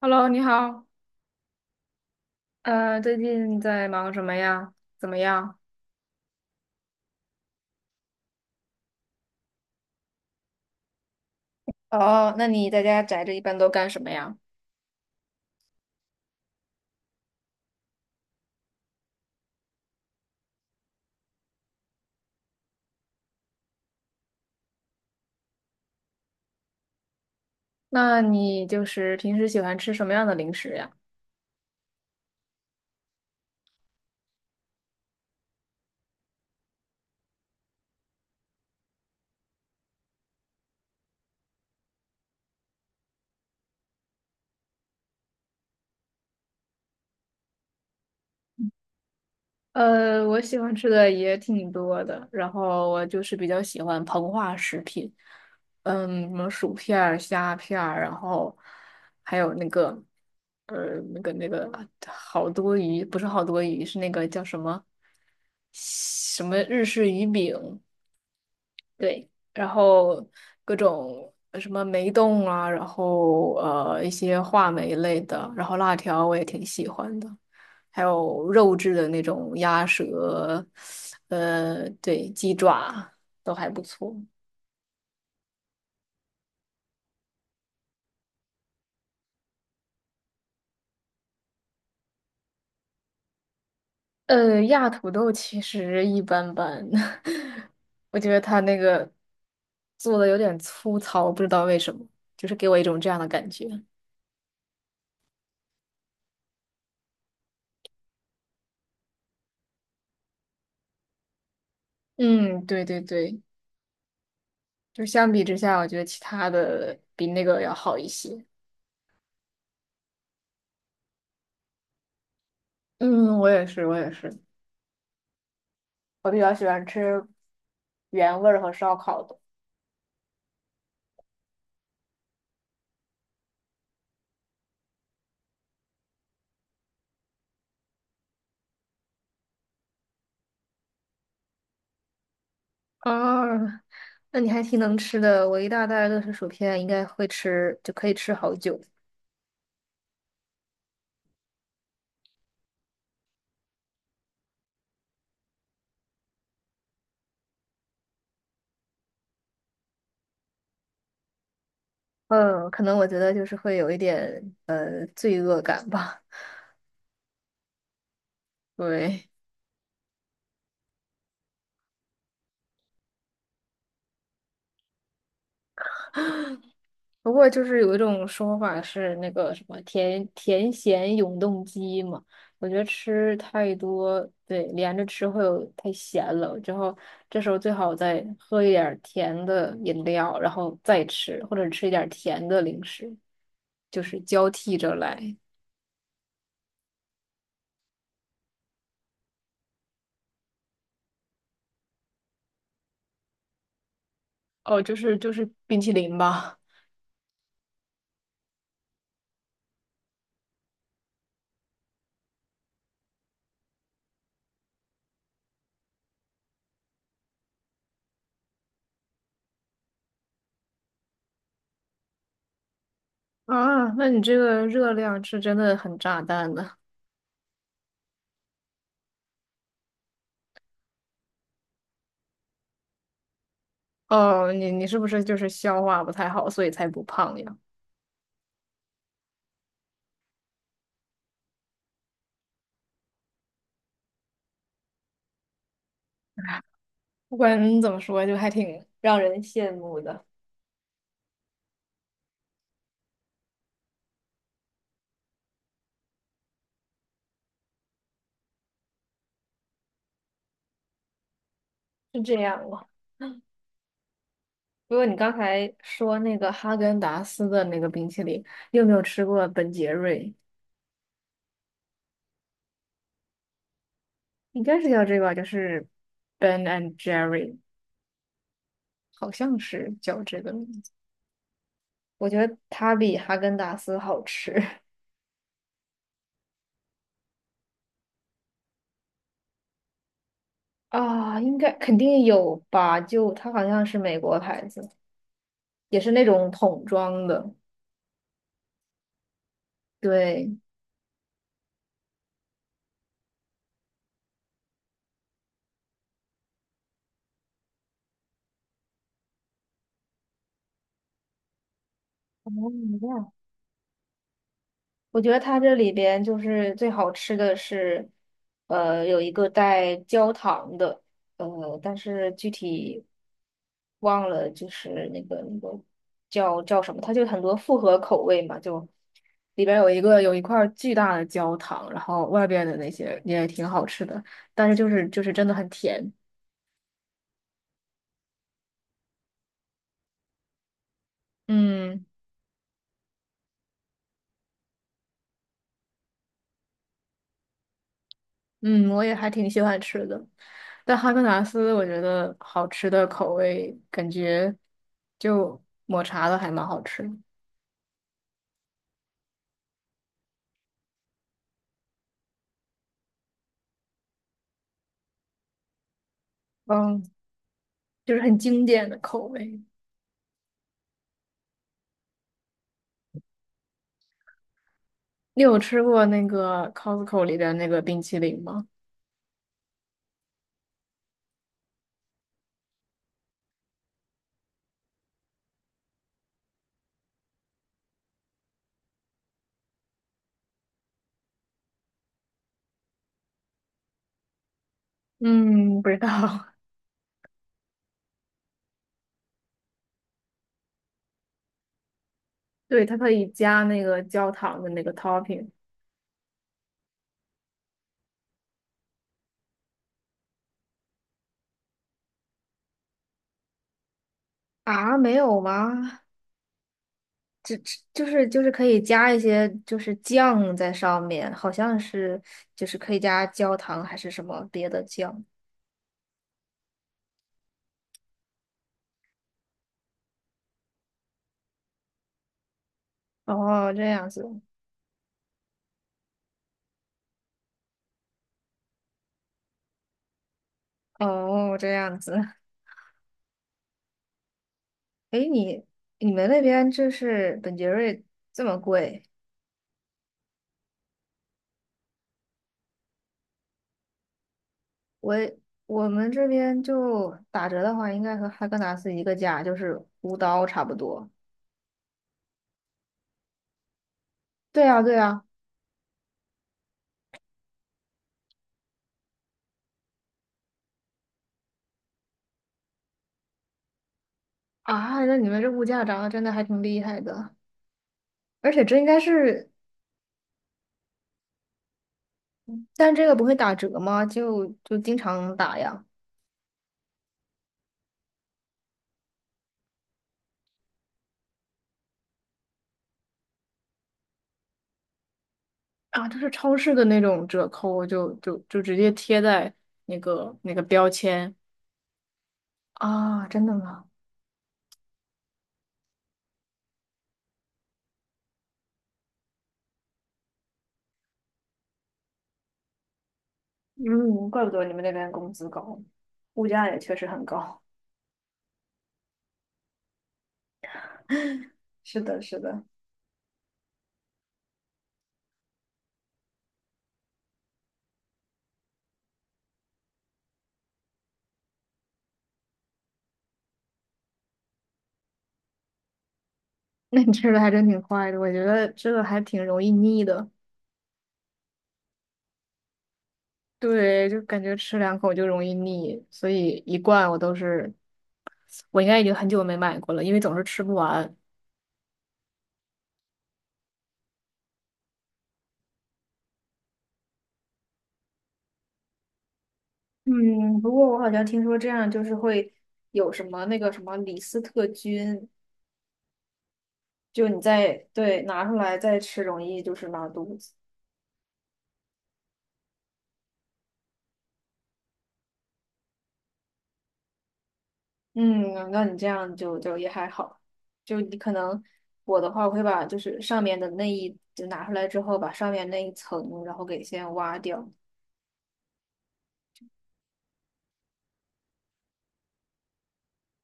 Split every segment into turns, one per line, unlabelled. Hello，你好。最近在忙什么呀？怎么样？哦，那你在家宅着一般都干什么呀？那你就是平时喜欢吃什么样的零食呀？我喜欢吃的也挺多的，然后我就是比较喜欢膨化食品。嗯，什么薯片儿、虾片儿，然后还有那个，呃，那个那个好多鱼，不是好多鱼，是那个叫什么，什么日式鱼饼。对，然后各种什么梅冻啊，然后一些话梅类的，然后辣条我也挺喜欢的，还有肉质的那种鸭舌，对，鸡爪都还不错。亚土豆其实一般般，我觉得它那个做的有点粗糙，不知道为什么，就是给我一种这样的感觉。嗯，对对对。就相比之下，我觉得其他的比那个要好一些。嗯，我也是，我也是。我比较喜欢吃原味儿和烧烤的。啊，那你还挺能吃的，我一大袋乐事薯片应该会吃，就可以吃好久。嗯，可能我觉得就是会有一点罪恶感吧。对。不过就是有一种说法是那个什么甜甜咸永动机嘛，我觉得吃太多，对，连着吃会有太咸了，之后这时候最好再喝一点儿甜的饮料，然后再吃，或者吃一点儿甜的零食，就是交替着来。哦，就是冰淇淋吧。啊，那你这个热量是真的很炸弹呢。哦，你是不是就是消化不太好，所以才不胖呀？不管怎么说，就还挺让人羡慕的。是这样吗？不过你刚才说那个哈根达斯的那个冰淇淋，你有没有吃过本杰瑞？应该是叫这个吧，就是 Ben and Jerry，好像是叫这个名字。我觉得它比哈根达斯好吃。 啊，应该肯定有吧？就它好像是美国牌子，也是那种桶装的。对。哦，我觉得它这里边就是最好吃的是，有一个带焦糖的，但是具体忘了，就是那个叫什么，它就很多复合口味嘛，就里边有一个有一块儿巨大的焦糖，然后外边的那些也挺好吃的，但是就是真的很甜。嗯。嗯，我也还挺喜欢吃的，但哈根达斯我觉得好吃的口味感觉就抹茶的还蛮好吃的。嗯，就是很经典的口味。你有吃过那个 Costco 里的那个冰淇淋吗？嗯，不知道。对，它可以加那个焦糖的那个 topping。啊，没有吗？只就是可以加一些就是酱在上面，好像是就是可以加焦糖还是什么别的酱。哦，这样子。哦，这样子。诶，你们那边就是本杰瑞这么贵？我我们这边就打折的话，应该和哈根达斯一个价，就是五刀差不多。对啊，对啊。啊，那你们这物价涨得真的还挺厉害的，而且这应该是，但这个不会打折吗？就就经常打呀。啊，就是超市的那种折扣，就直接贴在那个标签。啊，真的吗？嗯，怪不得你们那边工资高，物价也确实很高。是的，是的。那你吃的还真挺快的，我觉得这个还挺容易腻的。对，就感觉吃两口就容易腻，所以一罐我都是，我应该已经很久没买过了，因为总是吃不完。嗯，不过我好像听说这样就是会有什么那个什么李斯特菌，就你再对拿出来再吃，容易就是拉肚子。嗯，那你这样就也还好，就你可能我的话，我会把就是上面的那一就拿出来之后，把上面那一层，然后给先挖掉，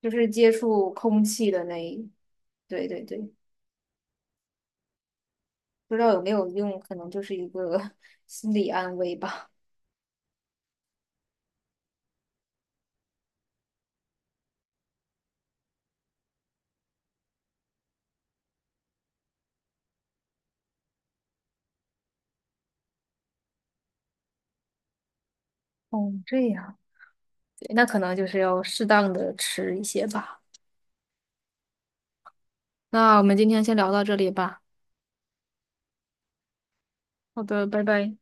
就是接触空气的那一，对对对，不知道有没有用，可能就是一个 心理安慰吧。哦，这样。对，那可能就是要适当的吃一些吧。那我们今天先聊到这里吧。好的，拜拜。